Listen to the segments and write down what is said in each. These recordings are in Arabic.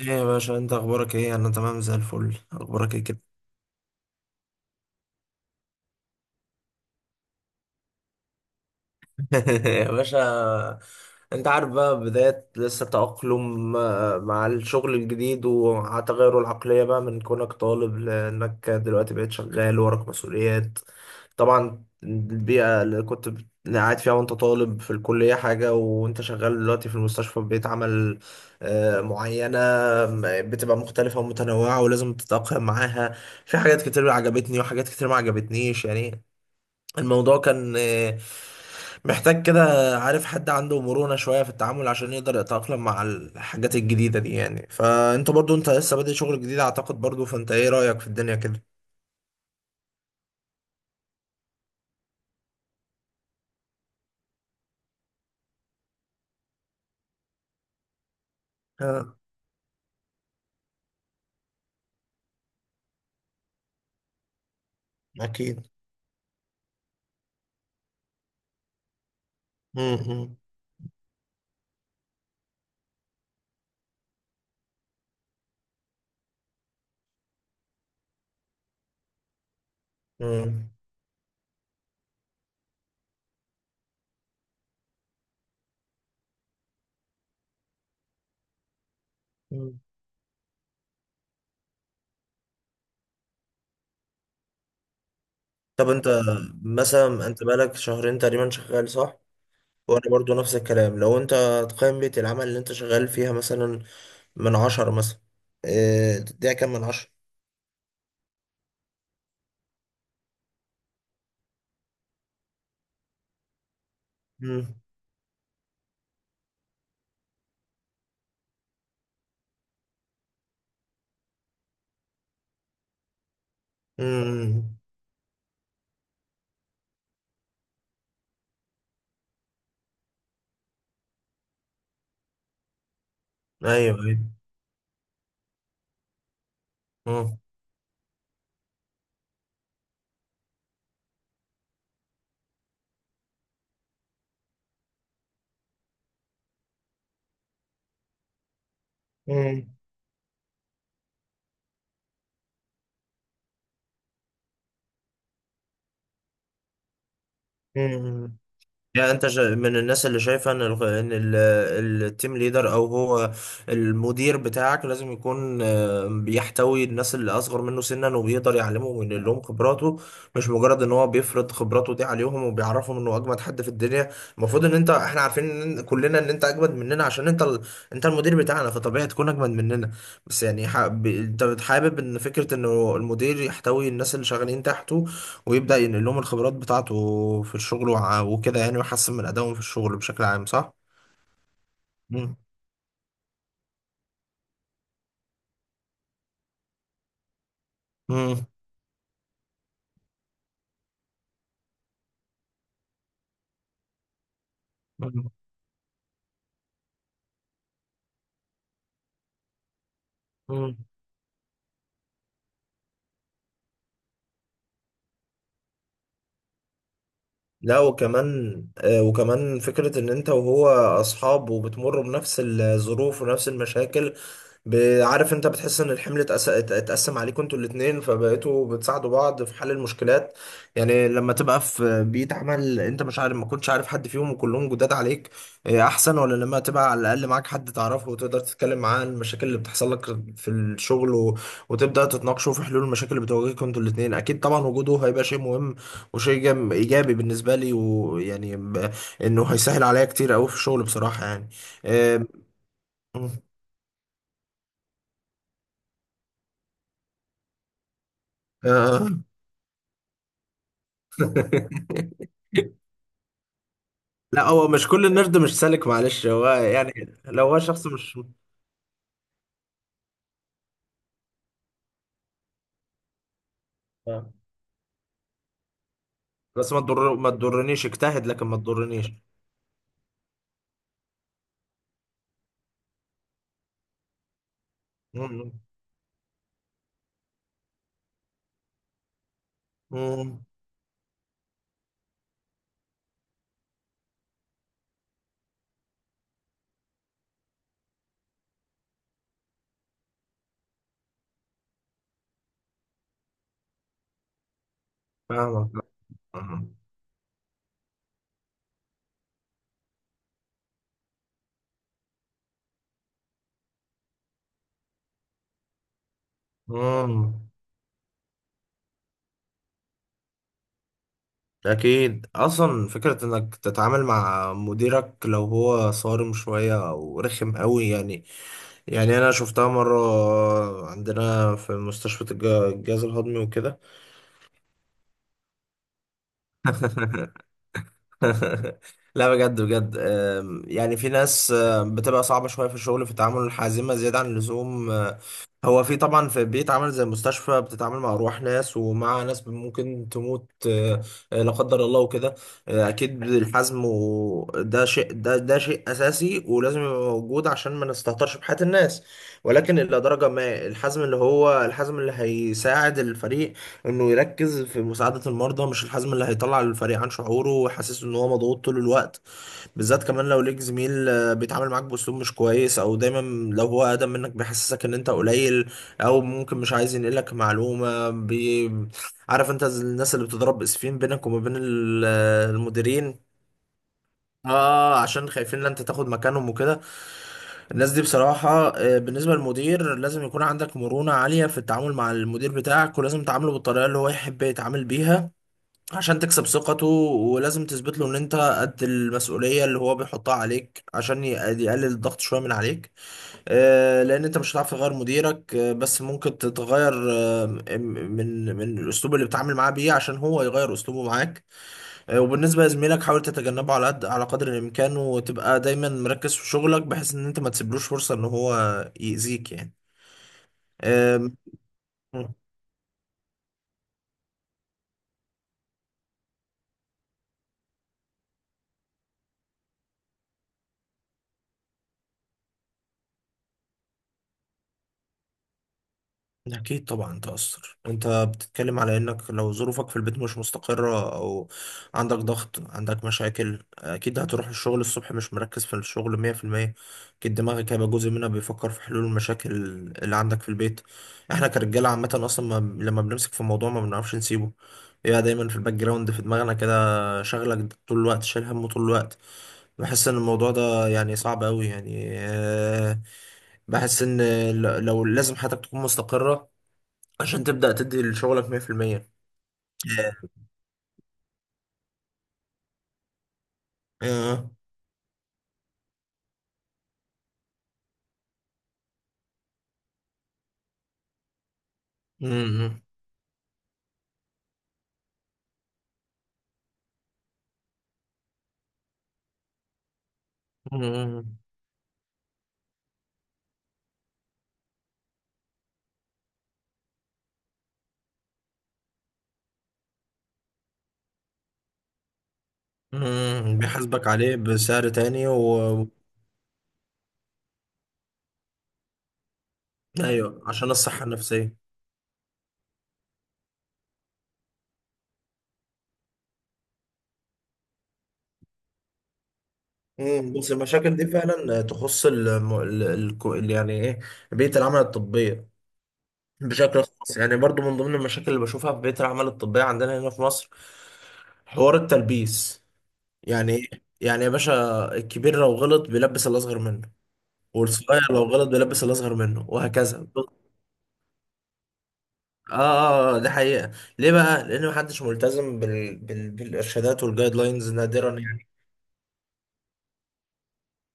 ايه يا باشا، انت اخبارك ايه؟ انا تمام زي الفل. اخبارك ايه كده؟ يا باشا، انت عارف بقى، بداية لسه تأقلم مع الشغل الجديد ومع تغير العقلية بقى من كونك طالب، لأنك دلوقتي بقيت شغال وراك مسؤوليات. طبعا البيئة اللي اللي قاعد فيها وانت طالب في الكلية حاجة، وانت شغال دلوقتي في المستشفى ببيئة عمل معينة. بتبقى مختلفة ومتنوعة، ولازم تتأقلم معاها. في حاجات كتير عجبتني وحاجات كتير ما عجبتنيش يعني. الموضوع كان محتاج كده. عارف، حد عنده مرونة شوية في التعامل، عشان يقدر يتأقلم مع الحاجات الجديدة دي يعني. فانت برضو انت لسه بادئ شغل جديد اعتقد، برضو فانت ايه رأيك في الدنيا كده؟ اه. اكيد. امم. مم. طب انت، مثلا انت بقالك شهرين تقريبا شغال، صح؟ وانا برضو نفس الكلام. لو انت تقيم بيئة العمل اللي انت شغال فيها مثلا، من عشرة مثلا، اه تديها كام من عشرة؟ امم. امم. ايوه، ايوه. مم. مم. يعني انت من الناس اللي شايفه ان التيم ليدر، او هو المدير بتاعك، لازم يكون بيحتوي الناس اللي اصغر منه سنا، وبيقدر يعلمهم وينقل لهم خبراته. مش مجرد ان هو بيفرض خبراته دي عليهم وبيعرفهم انه اجمد حد في الدنيا. المفروض ان انت، احنا عارفين ان كلنا ان انت اجمد مننا عشان انت انت المدير بتاعنا، فطبيعي تكون اجمد مننا. بس يعني انت حابب ان فكره انه المدير يحتوي الناس اللي شغالين تحته، ويبدأ ينقل لهم الخبرات بتاعته في الشغل وكده يعني، ويحسن من أدائهم في الشغل بشكل عام، صح؟ مم. مم. مم. لا، وكمان وكمان فكرة ان انت وهو اصحاب، وبتمروا بنفس الظروف ونفس المشاكل. عارف انت بتحس ان الحمل اتقسم عليكم انتوا الاتنين، فبقيتوا بتساعدوا بعض في حل المشكلات. يعني لما تبقى في بيئة عمل انت مش عارف، ما كنتش عارف حد فيهم وكلهم جداد عليك، احسن ولا لما تبقى على الاقل معاك حد تعرفه وتقدر تتكلم معاه عن المشاكل اللي بتحصل لك في الشغل، وتبدأ تتناقشوا في حلول المشاكل اللي بتواجهكم انتوا الاتنين؟ اكيد طبعا، وجوده هيبقى شيء مهم وشيء ايجابي بالنسبه لي، ويعني انه هيسهل عليا كتير قوي في الشغل بصراحه يعني. آم. آه. لا، هو مش كل النرد مش سالك، معلش، هو يعني لو هو شخص مش... آه. بس ما تضرنيش، اجتهد لكن ما تضرنيش. مم. مم. فاهمك. مم. مم. اكيد، اصلا فكره انك تتعامل مع مديرك لو هو صارم شويه او رخم قوي يعني. يعني انا شفتها مره عندنا في مستشفى الجهاز الهضمي وكده. لا بجد بجد، يعني في ناس بتبقى صعبة شوية في الشغل، في التعامل، الحازمة زيادة عن اللزوم. هو في طبعا، في بيتعامل زي المستشفى، بتتعامل مع أرواح ناس ومع ناس ممكن تموت، لا قدر الله وكده. أكيد الحزم، وده شيء، ده شيء أساسي ولازم يبقى موجود عشان ما نستهترش بحياة الناس. ولكن إلى درجة ما، الحزم اللي هيساعد الفريق انه يركز في مساعدة المرضى، مش الحزم اللي هيطلع الفريق عن شعوره ويحسسه ان هو مضغوط طول الوقت. بالذات كمان لو ليك زميل بيتعامل معاك باسلوب مش كويس، او دايما لو هو اقدم منك بيحسسك ان انت قليل، او ممكن مش عايز ينقلك معلومة. عارف انت، زي الناس اللي بتضرب اسفين بينك وما بين المديرين، اه عشان خايفين ان انت تاخد مكانهم وكده. الناس دي بصراحة، بالنسبة للمدير، لازم يكون عندك مرونة عالية في التعامل مع المدير بتاعك، ولازم تعامله بالطريقة اللي هو يحب يتعامل بيها عشان تكسب ثقته، ولازم تثبت له ان انت قد المسؤوليه اللي هو بيحطها عليك عشان يقلل الضغط شويه من عليك. لان انت مش هتعرف تغير مديرك، بس ممكن تتغير من الاسلوب اللي بتتعامل معاه بيه، عشان هو يغير اسلوبه معاك. وبالنسبه لزميلك، حاول تتجنبه على قدر الامكان، وتبقى دايما مركز في شغلك بحيث ان انت ما تسيبلوش فرصه ان هو يأذيك يعني. آم. أكيد طبعا تأثر. أنت بتتكلم على إنك لو ظروفك في البيت مش مستقرة، أو عندك ضغط، عندك مشاكل، أكيد هتروح الشغل الصبح مش مركز في الشغل مية في المية. أكيد دماغك هيبقى جزء منها بيفكر في حلول المشاكل اللي عندك في البيت. إحنا كرجالة عامة، أصلا ما لما بنمسك في موضوع ما بنعرفش نسيبه. بيبقى دايما في الباك جراوند في دماغنا كده، شغلك طول الوقت، شايل همه طول الوقت. بحس إن الموضوع ده يعني صعب أوي يعني. بحس ان لو، لازم حياتك تكون مستقرة عشان تبدأ تدي لشغلك 100%. ياه. آه. مم. مم. مم. بيحاسبك عليه بسعر تاني و... ايوه، عشان الصحة النفسية. مم. بس المشاكل دي فعلا تخص الم... ال... ال... ال- يعني ايه، بيئة العمل الطبية بشكل خاص يعني. برضو من ضمن المشاكل اللي بشوفها في بيئة العمل الطبية عندنا هنا في مصر حوار التلبيس. يعني ايه؟ يعني يا باشا، الكبير لو غلط بيلبس الأصغر منه، والصغير لو غلط بيلبس الأصغر منه، وهكذا. اه، اه، ده حقيقة. ليه بقى؟ لان محدش ملتزم بالارشادات والجايد لاينز نادرا يعني.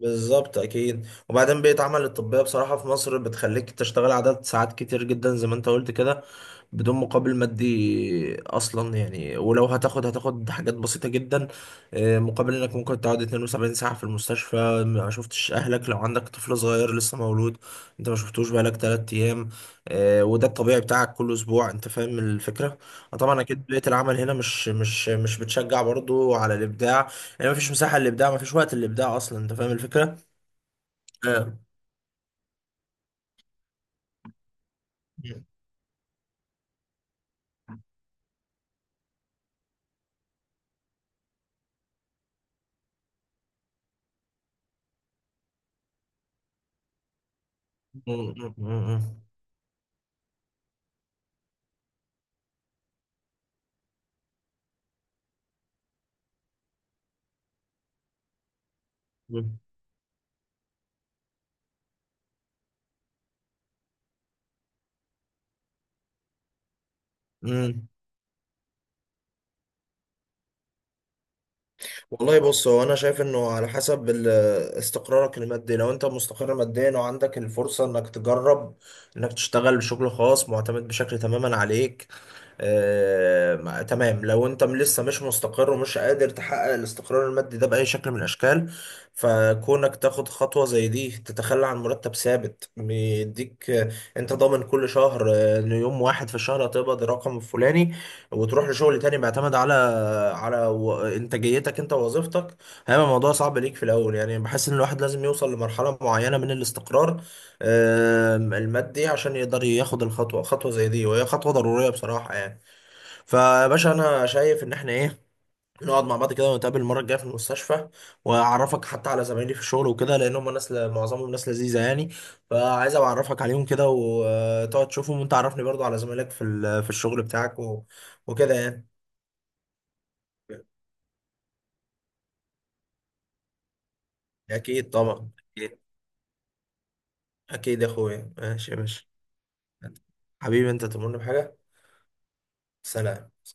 بالظبط، اكيد. وبعدين بيئة عمل الطبية بصراحة في مصر بتخليك تشتغل عدد ساعات كتير جدا زي ما انت قلت كده، بدون مقابل مادي اصلا يعني، ولو هتاخد حاجات بسيطة جدا. مقابل انك ممكن تقعد 72 ساعة في المستشفى ما شفتش اهلك، لو عندك طفل صغير لسه مولود انت ما شفتوش بقالك 3 ايام. وده الطبيعي بتاعك كل اسبوع، انت فاهم الفكرة. طبعا اكيد بيئة العمل هنا مش بتشجع برضو على الابداع. يعني مفيش مساحة للإبداع، مفيش وقت للإبداع أصلا، أنت فاهم الفكرة؟ آه. مم. والله بص، هو أنا شايف إنه على حسب استقرارك المادي. لو أنت مستقر ماديا وعندك الفرصة إنك تجرب إنك تشتغل بشغل خاص معتمد بشكل تماما عليك، تمام. لو انت لسه مش مستقر ومش قادر تحقق الاستقرار المادي ده بأي شكل من الأشكال، فكونك تاخد خطوة زي دي، تتخلى عن مرتب ثابت بيديك، انت ضامن كل شهر ان يوم واحد في الشهر هتقبض الرقم الفلاني، وتروح لشغل تاني بيعتمد على انتاجيتك انت ووظيفتك، هيبقى الموضوع صعب ليك في الاول يعني. بحس ان الواحد لازم يوصل لمرحلة معينة من الاستقرار المادي عشان يقدر ياخد خطوة زي دي، وهي خطوة ضرورية بصراحة يعني. فيا باشا، انا شايف ان احنا ايه، نقعد مع بعض كده، ونتقابل المره الجايه في المستشفى، واعرفك حتى على زمايلي في الشغل وكده، لان هم ناس معظمهم ناس لذيذه يعني. فعايز أبقى اعرفك عليهم كده وتقعد تشوفهم، وانت عرفني برضو على زمايلك في الشغل بتاعك وكده يعني. اكيد طبعا. اكيد. أكيد يا اخويا. ماشي يا باشا. حبيبي انت تمرني بحاجه. سلام.